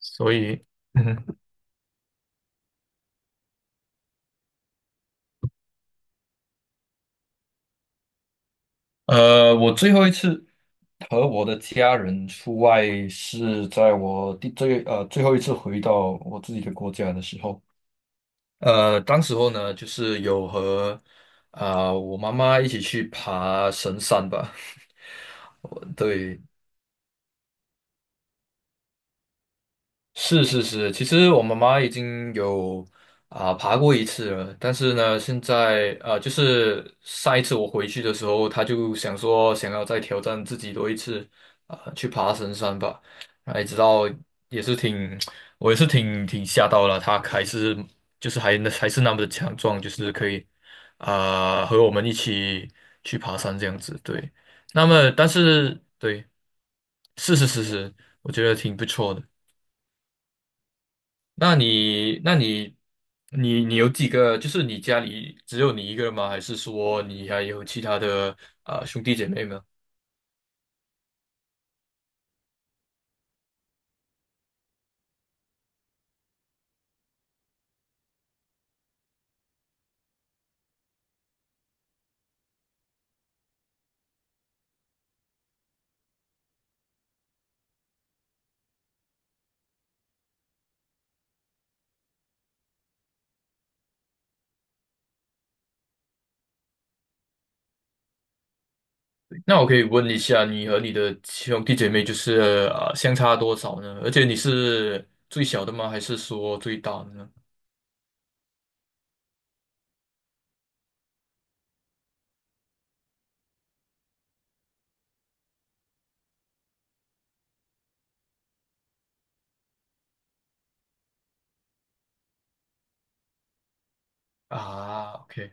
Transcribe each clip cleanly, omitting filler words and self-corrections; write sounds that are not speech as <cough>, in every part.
所以，嗯，我最后一次和我的家人出外是在我最后一次回到我自己的国家的时候。当时候呢，就是有和我妈妈一起去爬神山吧。<laughs> 对。是是是，其实我妈妈已经爬过一次了，但是呢，现在，就是上一次我回去的时候，她就想说想要再挑战自己多一次，去爬神山吧。然后一直到也是挺 <tsk>，我也是挺吓到了。她还是就是还是那么的强壮，就是可以和我们一起去爬山这样子。对，那么但是对，是是是是，我觉得挺不错的。那你，那你，你，你有几个？就是你家里只有你一个人吗？还是说你还有其他的兄弟姐妹吗？那我可以问一下，你和你的兄弟姐妹就是相差多少呢？而且你是最小的吗？还是说最大的呢？啊，OK。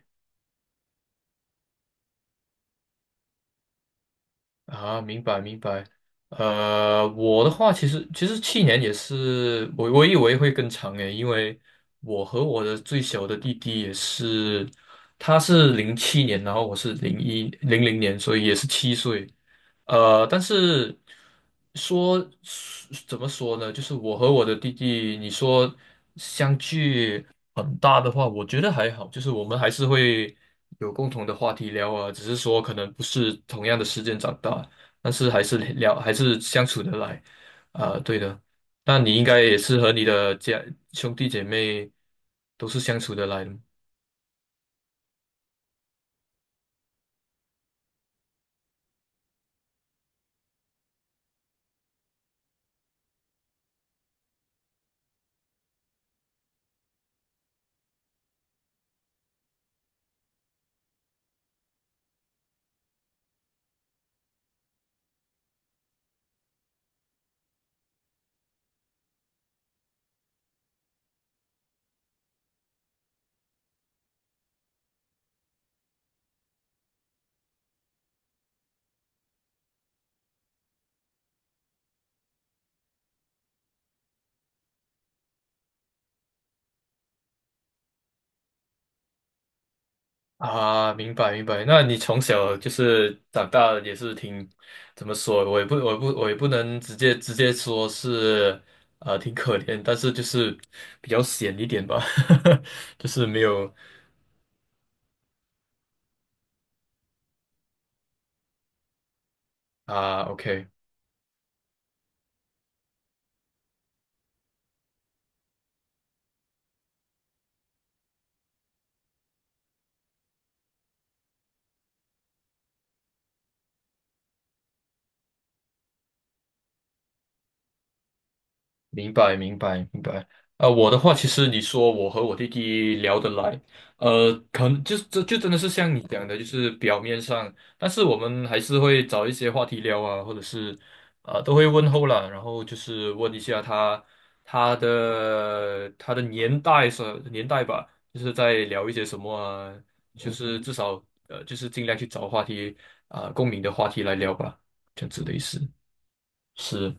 啊，明白明白。我的话其实去年也是，我以为会更长诶，因为我和我的最小的弟弟也是，他是2007年，然后我是2000年，所以也是7岁。但是说怎么说呢？就是我和我的弟弟，你说相距很大的话，我觉得还好，就是我们还是会有共同的话题聊啊，只是说可能不是同样的时间长大，但是还是聊，还是相处得来啊，对的。那你应该也是和你的兄弟姐妹都是相处得来的啊。明白明白。那你从小就是长大也是挺，怎么说？我也不能直接说是，挺可怜，但是就是比较闲一点吧。<laughs> 就是没有啊。OK，明白，明白，明白。我的话，其实你说我和我弟弟聊得来，可能就真的是像你讲的，就是表面上，但是我们还是会找一些话题聊啊，或者是都会问候啦。然后就是问一下他的年代是年代吧，就是在聊一些什么啊，就是至少就是尽量去找话题啊，共鸣的话题来聊吧，这样子的意思是。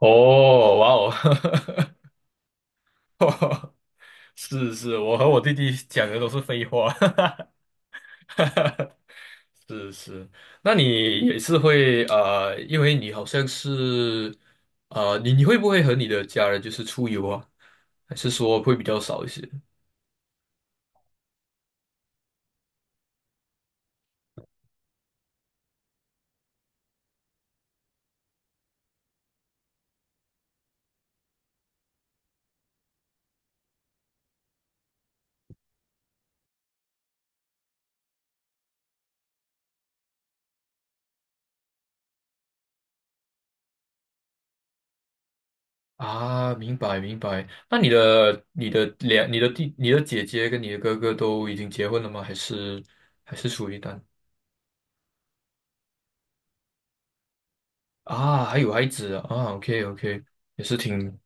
哦，哇哦，<laughs> <laughs> 是是，我和我弟弟讲的都是废话。<laughs> 是是。那你也是会，因为你好像是你会不会和你的家人就是出游啊？还是说会比较少一些啊？明白明白。那你的姐姐跟你的哥哥都已经结婚了吗？还是处于啊？还有孩子啊？OK， OK。也是挺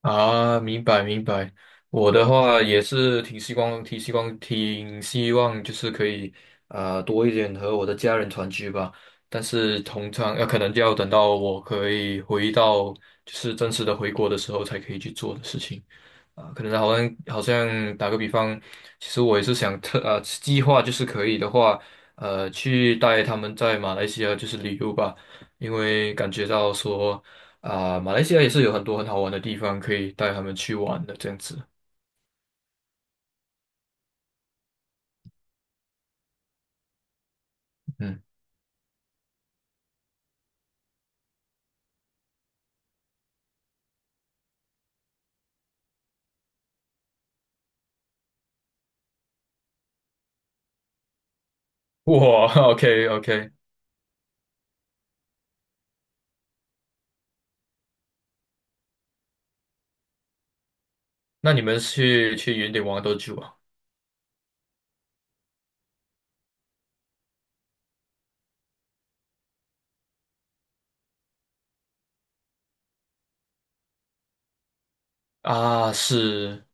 啊，明白明白。我的话也是挺希望，挺希望，挺希望就是可以多一点和我的家人团聚吧。但是通常可能就要等到我可以回到就是正式的回国的时候才可以去做的事情。啊，可能好像打个比方，其实我也是想计划，就是可以的话，去带他们在马来西亚就是旅游吧，因为感觉到说马来西亚也是有很多很好玩的地方可以带他们去玩的这样子。嗯，哇 <laughs>，OK， OK。那你们去云顶玩多久啊？啊，是，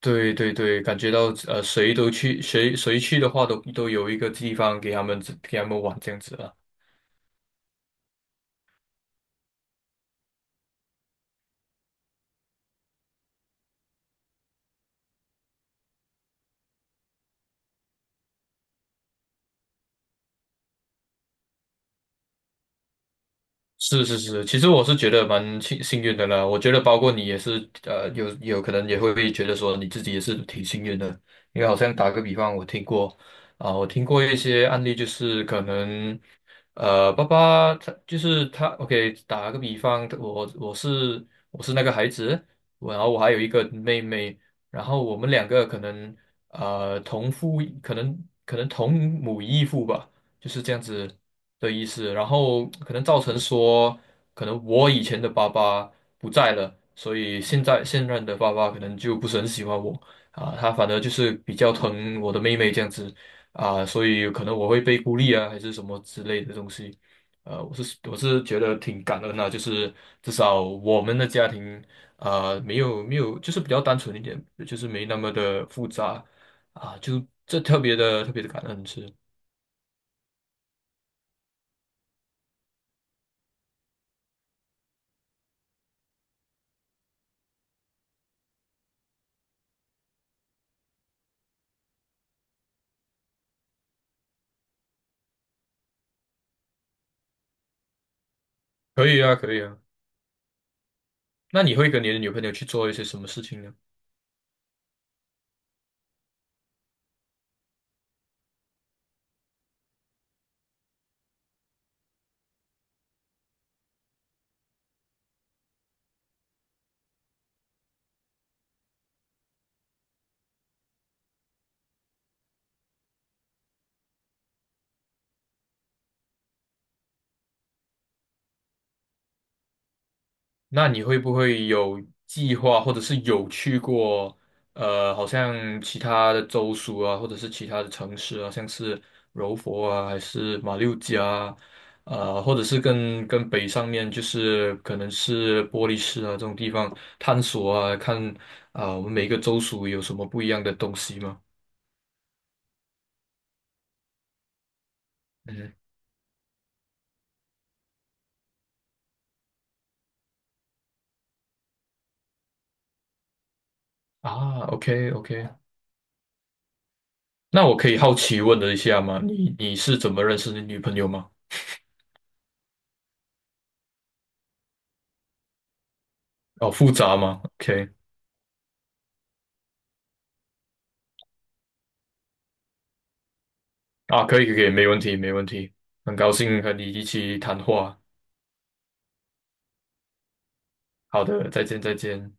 对对对。感觉到谁去的话都有一个地方给他们玩这样子啊。是是是，其实我是觉得蛮幸运的啦。我觉得包括你也是，有可能也会觉得说你自己也是挺幸运的。因为好像打个比方，我听过一些案例，就是可能，爸爸他就是他，OK，打个比方，我是那个孩子。我然后我还有一个妹妹，然后我们两个可能呃同父异可能可能同母异父吧。就是这样子的意思。然后可能造成说，可能我以前的爸爸不在了，所以现任的爸爸可能就不是很喜欢我啊，他反而就是比较疼我的妹妹这样子啊。所以可能我会被孤立啊，还是什么之类的东西。我是觉得挺感恩的，就是至少我们的家庭啊，没有没有，就是比较单纯一点，就是没那么的复杂啊。就这特别的特别的感恩是，可以啊，可以啊。那你会跟你的女朋友去做一些什么事情呢？那你会不会有计划，或者是有去过，好像其他的州属啊，或者是其他的城市啊，像是柔佛啊，还是马六甲啊，或者是跟北上面，就是可能是玻璃市啊这种地方探索啊，看啊，我们每个州属有什么不一样的东西吗？嗯，啊，OK， OK。那我可以好奇问了一下吗？你是怎么认识你女朋友吗？哦，复杂吗？OK。啊，可以，可以，没问题，没问题。很高兴和你一起谈话。好的，再见，再见。